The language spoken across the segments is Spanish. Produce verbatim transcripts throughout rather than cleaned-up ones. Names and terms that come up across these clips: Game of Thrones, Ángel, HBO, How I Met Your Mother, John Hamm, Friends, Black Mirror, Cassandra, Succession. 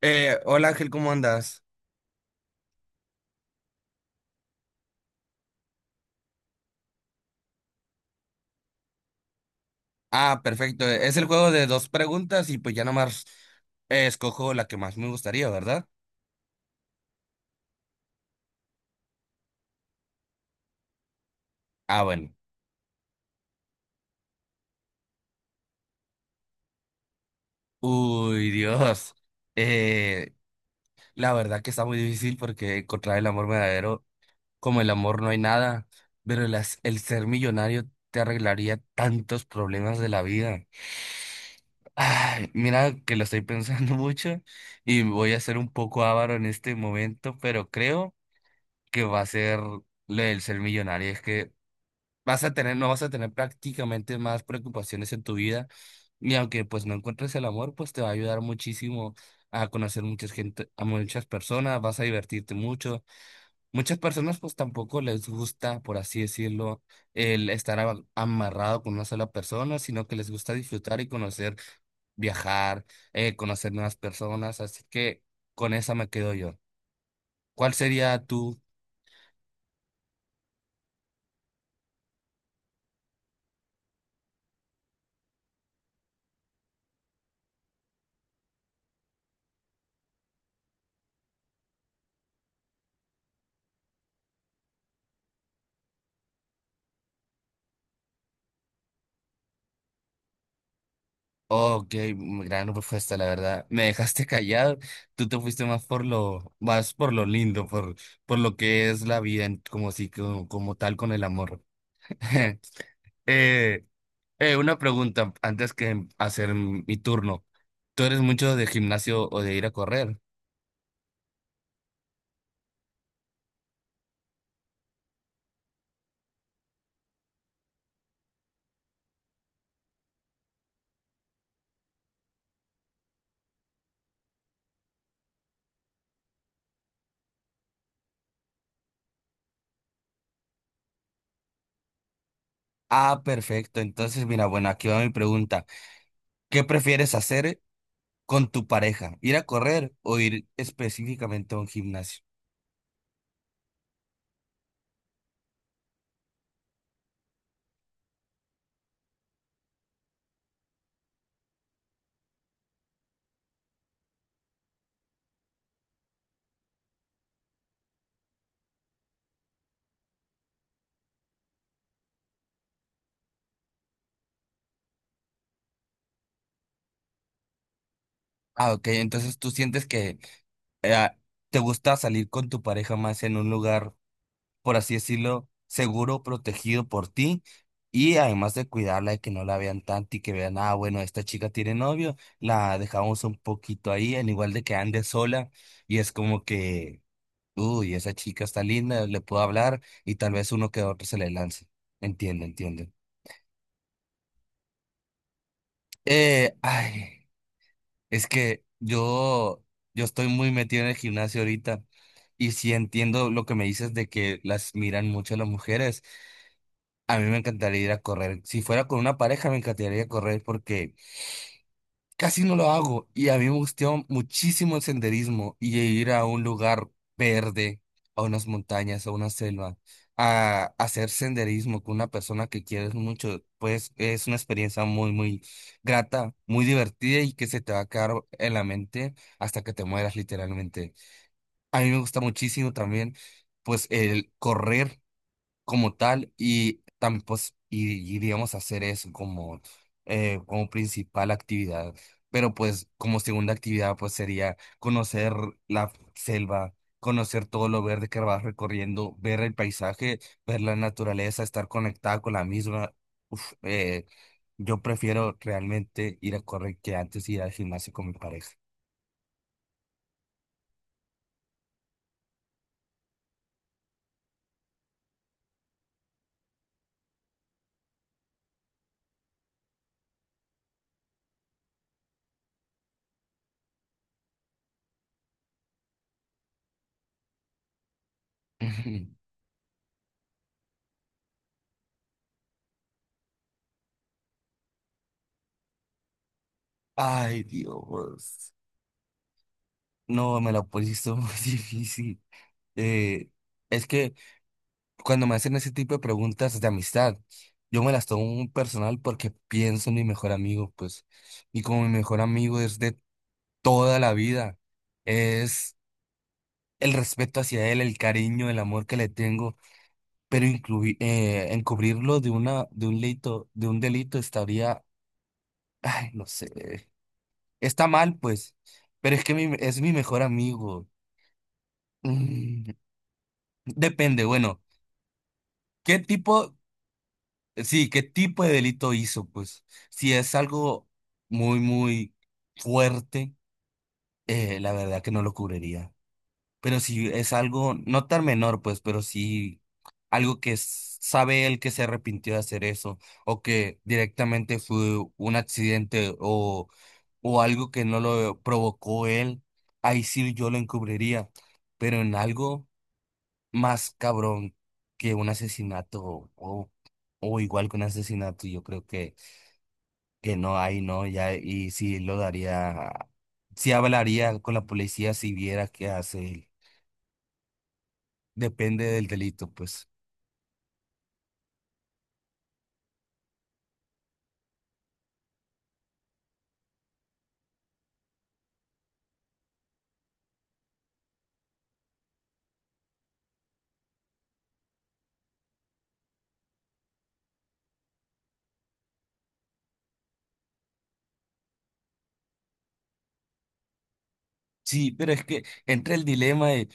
Eh, hola Ángel, ¿cómo andas? Ah, perfecto. Es el juego de dos preguntas y pues ya nomás eh, escojo la que más me gustaría, ¿verdad? Ah, bueno. Uy, Dios. Eh, la verdad que está muy difícil porque encontrar el amor verdadero, como el amor no hay nada, pero las- el ser millonario te arreglaría tantos problemas de la vida. Ay, mira que lo estoy pensando mucho y voy a ser un poco avaro en este momento, pero creo que va a ser lo del ser millonario. Es que vas a tener, no vas a tener prácticamente más preocupaciones en tu vida. Y aunque pues no encuentres el amor, pues te va a ayudar muchísimo a conocer mucha gente, a muchas personas, vas a divertirte mucho. Muchas personas pues tampoco les gusta, por así decirlo, el estar a- amarrado con una sola persona, sino que les gusta disfrutar y conocer, viajar, eh, conocer nuevas personas. Así que con esa me quedo yo. ¿Cuál sería tu? Oh, ok, mm, gran propuesta, la verdad. Me dejaste callado. Tú te fuiste más por lo, más por lo lindo, por, por lo que es la vida, en- como si, como, como tal con el amor. Eh, eh, una pregunta antes que hacer mi turno. ¿Tú eres mucho de gimnasio o de ir a correr? Ah, perfecto. Entonces, mira, bueno, aquí va mi pregunta. ¿Qué prefieres hacer con tu pareja? ¿Ir a correr o ir específicamente a un gimnasio? Ah, ok. Entonces, ¿tú sientes que eh, te gusta salir con tu pareja más en un lugar, por así decirlo, seguro, protegido por ti? Y además de cuidarla, de que no la vean tanto y que vean, ah, bueno, esta chica tiene novio, la dejamos un poquito ahí, en igual de que ande sola. Y es como que, uy, esa chica está linda, le puedo hablar y tal vez uno que otro se le lance. Entiendo, entiendo. Eh, ay. Es que yo, yo estoy muy metido en el gimnasio ahorita y sí entiendo lo que me dices de que las miran mucho las mujeres. A mí me encantaría ir a correr. Si fuera con una pareja, me encantaría ir a correr porque casi no lo hago y a mí me gustó muchísimo el senderismo y ir a un lugar verde, a unas montañas, a una selva, a hacer senderismo con una persona que quieres mucho, pues es una experiencia muy, muy grata, muy divertida y que se te va a quedar en la mente hasta que te mueras literalmente. A mí me gusta muchísimo también, pues el correr como tal y, tam- pues, y, y, digamos hacer eso como, eh, como principal actividad. Pero pues como segunda actividad pues sería conocer la selva, conocer todo lo verde que vas recorriendo, ver el paisaje, ver la naturaleza, estar conectada con la misma. Uf, eh, yo prefiero realmente ir a correr que antes ir al gimnasio con mi pareja. Ujú. Ay, Dios. No, me la pusiste muy difícil. Eh, es que cuando me hacen ese tipo de preguntas de amistad, yo me las tomo muy personal porque pienso en mi mejor amigo, pues, y como mi mejor amigo es de toda la vida, es el respeto hacia él, el cariño, el amor que le tengo, pero incluir, encubrirlo de una, de un delito, de un delito estaría, ay, no sé, está mal, pues, pero es que mi- es mi mejor amigo. Mm, depende, bueno, ¿qué tipo? Sí, ¿qué tipo de delito hizo? Pues si es algo muy, muy fuerte, eh, la verdad que no lo cubriría. Pero si es algo no tan menor, pues, pero sí algo que s- sabe él que se arrepintió de hacer eso, o que directamente fue un accidente o, o algo que no lo provocó él, ahí sí yo lo encubriría. Pero en algo más cabrón que un asesinato o, o igual que un asesinato, yo creo que que no hay, no, ya, y sí lo daría, sí hablaría con la policía si viera qué hace él. Depende del delito, pues. Sí, pero es que entra el dilema de,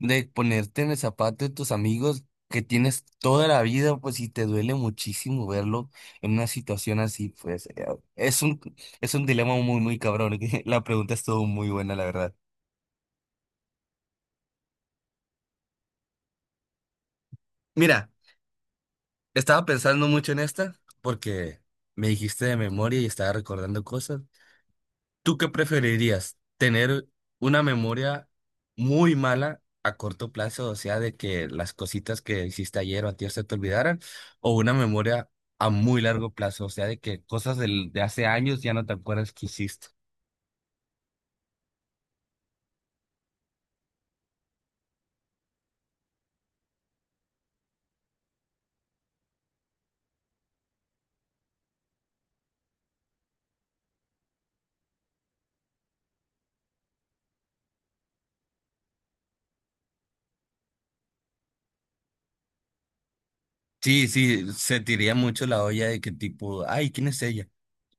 de ponerte en el zapato de tus amigos que tienes toda la vida, pues, y te duele muchísimo verlo en una situación así, pues, eh, es un, es un dilema muy, muy cabrón. que La pregunta estuvo muy buena, la verdad. Mira, estaba pensando mucho en esta porque me dijiste de memoria y estaba recordando cosas. ¿Tú qué preferirías? ¿Tener una memoria muy mala a corto plazo, o sea, de que las cositas que hiciste ayer o antier se te olvidaran, o una memoria a muy largo plazo, o sea, de que cosas del- de hace años ya no te acuerdas que hiciste? Sí, sí, sentiría mucho la olla de que tipo, ay, ¿quién es ella?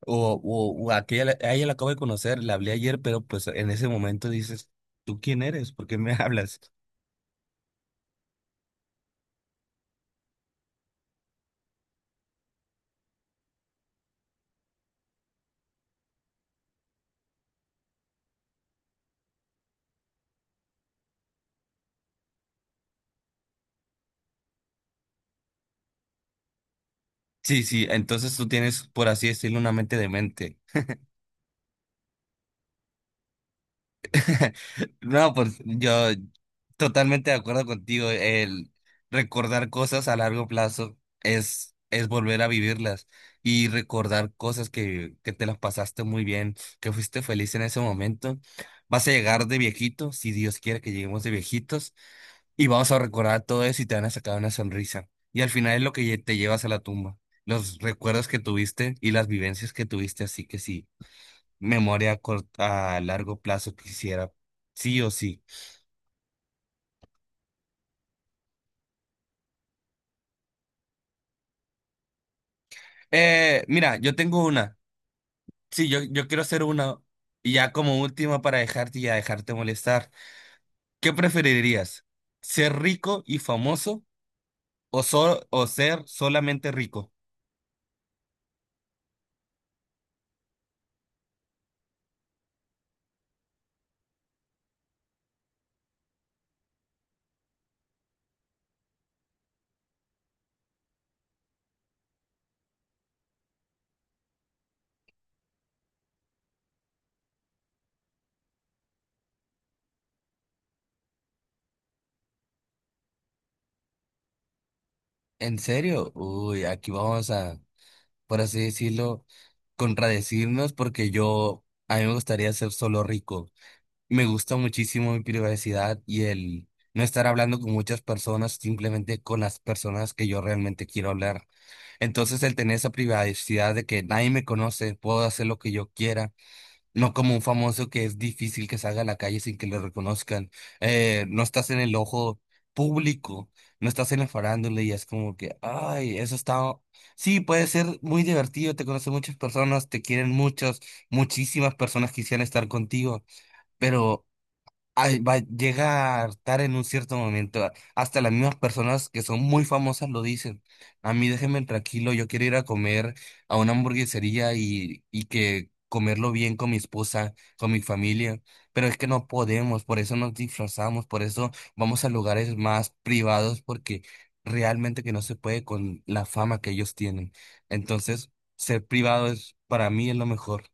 O, o, o aquella, la- a ella la acabo de conocer, la hablé ayer, pero pues en ese momento dices, ¿tú quién eres? ¿Por qué me hablas? Sí, sí, entonces tú tienes, por así decirlo, una mente demente. No, pues yo totalmente de acuerdo contigo. El recordar cosas a largo plazo es, es volver a vivirlas y recordar cosas que, que te las pasaste muy bien, que fuiste feliz en ese momento. Vas a llegar de viejito, si Dios quiere que lleguemos de viejitos, y vamos a recordar todo eso y te van a sacar una sonrisa. Y al final es lo que lle- te llevas a la tumba, los recuerdos que tuviste y las vivencias que tuviste. Así que sí. Memoria a, cort- a largo plazo quisiera, sí o sí. Eh, mira, yo tengo una. Sí, yo, yo quiero hacer una. Y ya como última para dejarte y ya dejarte molestar. ¿Qué preferirías? ¿Ser rico y famoso o, so- o ser solamente rico? ¿En serio? Uy, aquí vamos a, por así decirlo, contradecirnos porque yo, a mí me gustaría ser solo rico. Me gusta muchísimo mi privacidad y el no estar hablando con muchas personas, simplemente con las personas que yo realmente quiero hablar. Entonces, el tener esa privacidad de que nadie me conoce, puedo hacer lo que yo quiera, no como un famoso que es difícil que salga a la calle sin que lo reconozcan. Eh, no estás en el ojo público, no estás en la farándula y es como que, ay, eso está... Sí, puede ser muy divertido, te conocen muchas personas, te quieren muchas, muchísimas personas quisieran estar contigo, pero ay, va a llegar tarde en un cierto momento. a- Hasta las mismas personas que son muy famosas lo dicen. A mí déjenme tranquilo, yo quiero ir a comer a una hamburguesería y, y que comerlo bien con mi esposa, con mi familia. Pero es que no podemos, por eso nos disfrazamos, por eso vamos a lugares más privados, porque realmente que no se puede con la fama que ellos tienen. Entonces, ser privado es para mí es lo mejor.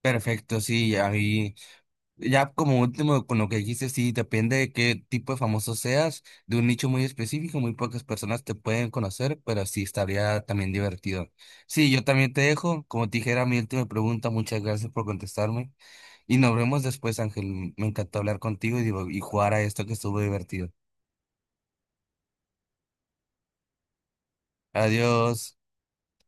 Perfecto, sí, ahí. Ya como último, con lo que dijiste, sí, depende de qué tipo de famoso seas, de un nicho muy específico, muy pocas personas te pueden conocer, pero sí estaría también divertido. Sí, yo también te dejo, como te dije, era mi última pregunta, muchas gracias por contestarme y nos vemos después, Ángel, me encantó hablar contigo y, digo- y jugar a esto que estuvo divertido. Adiós.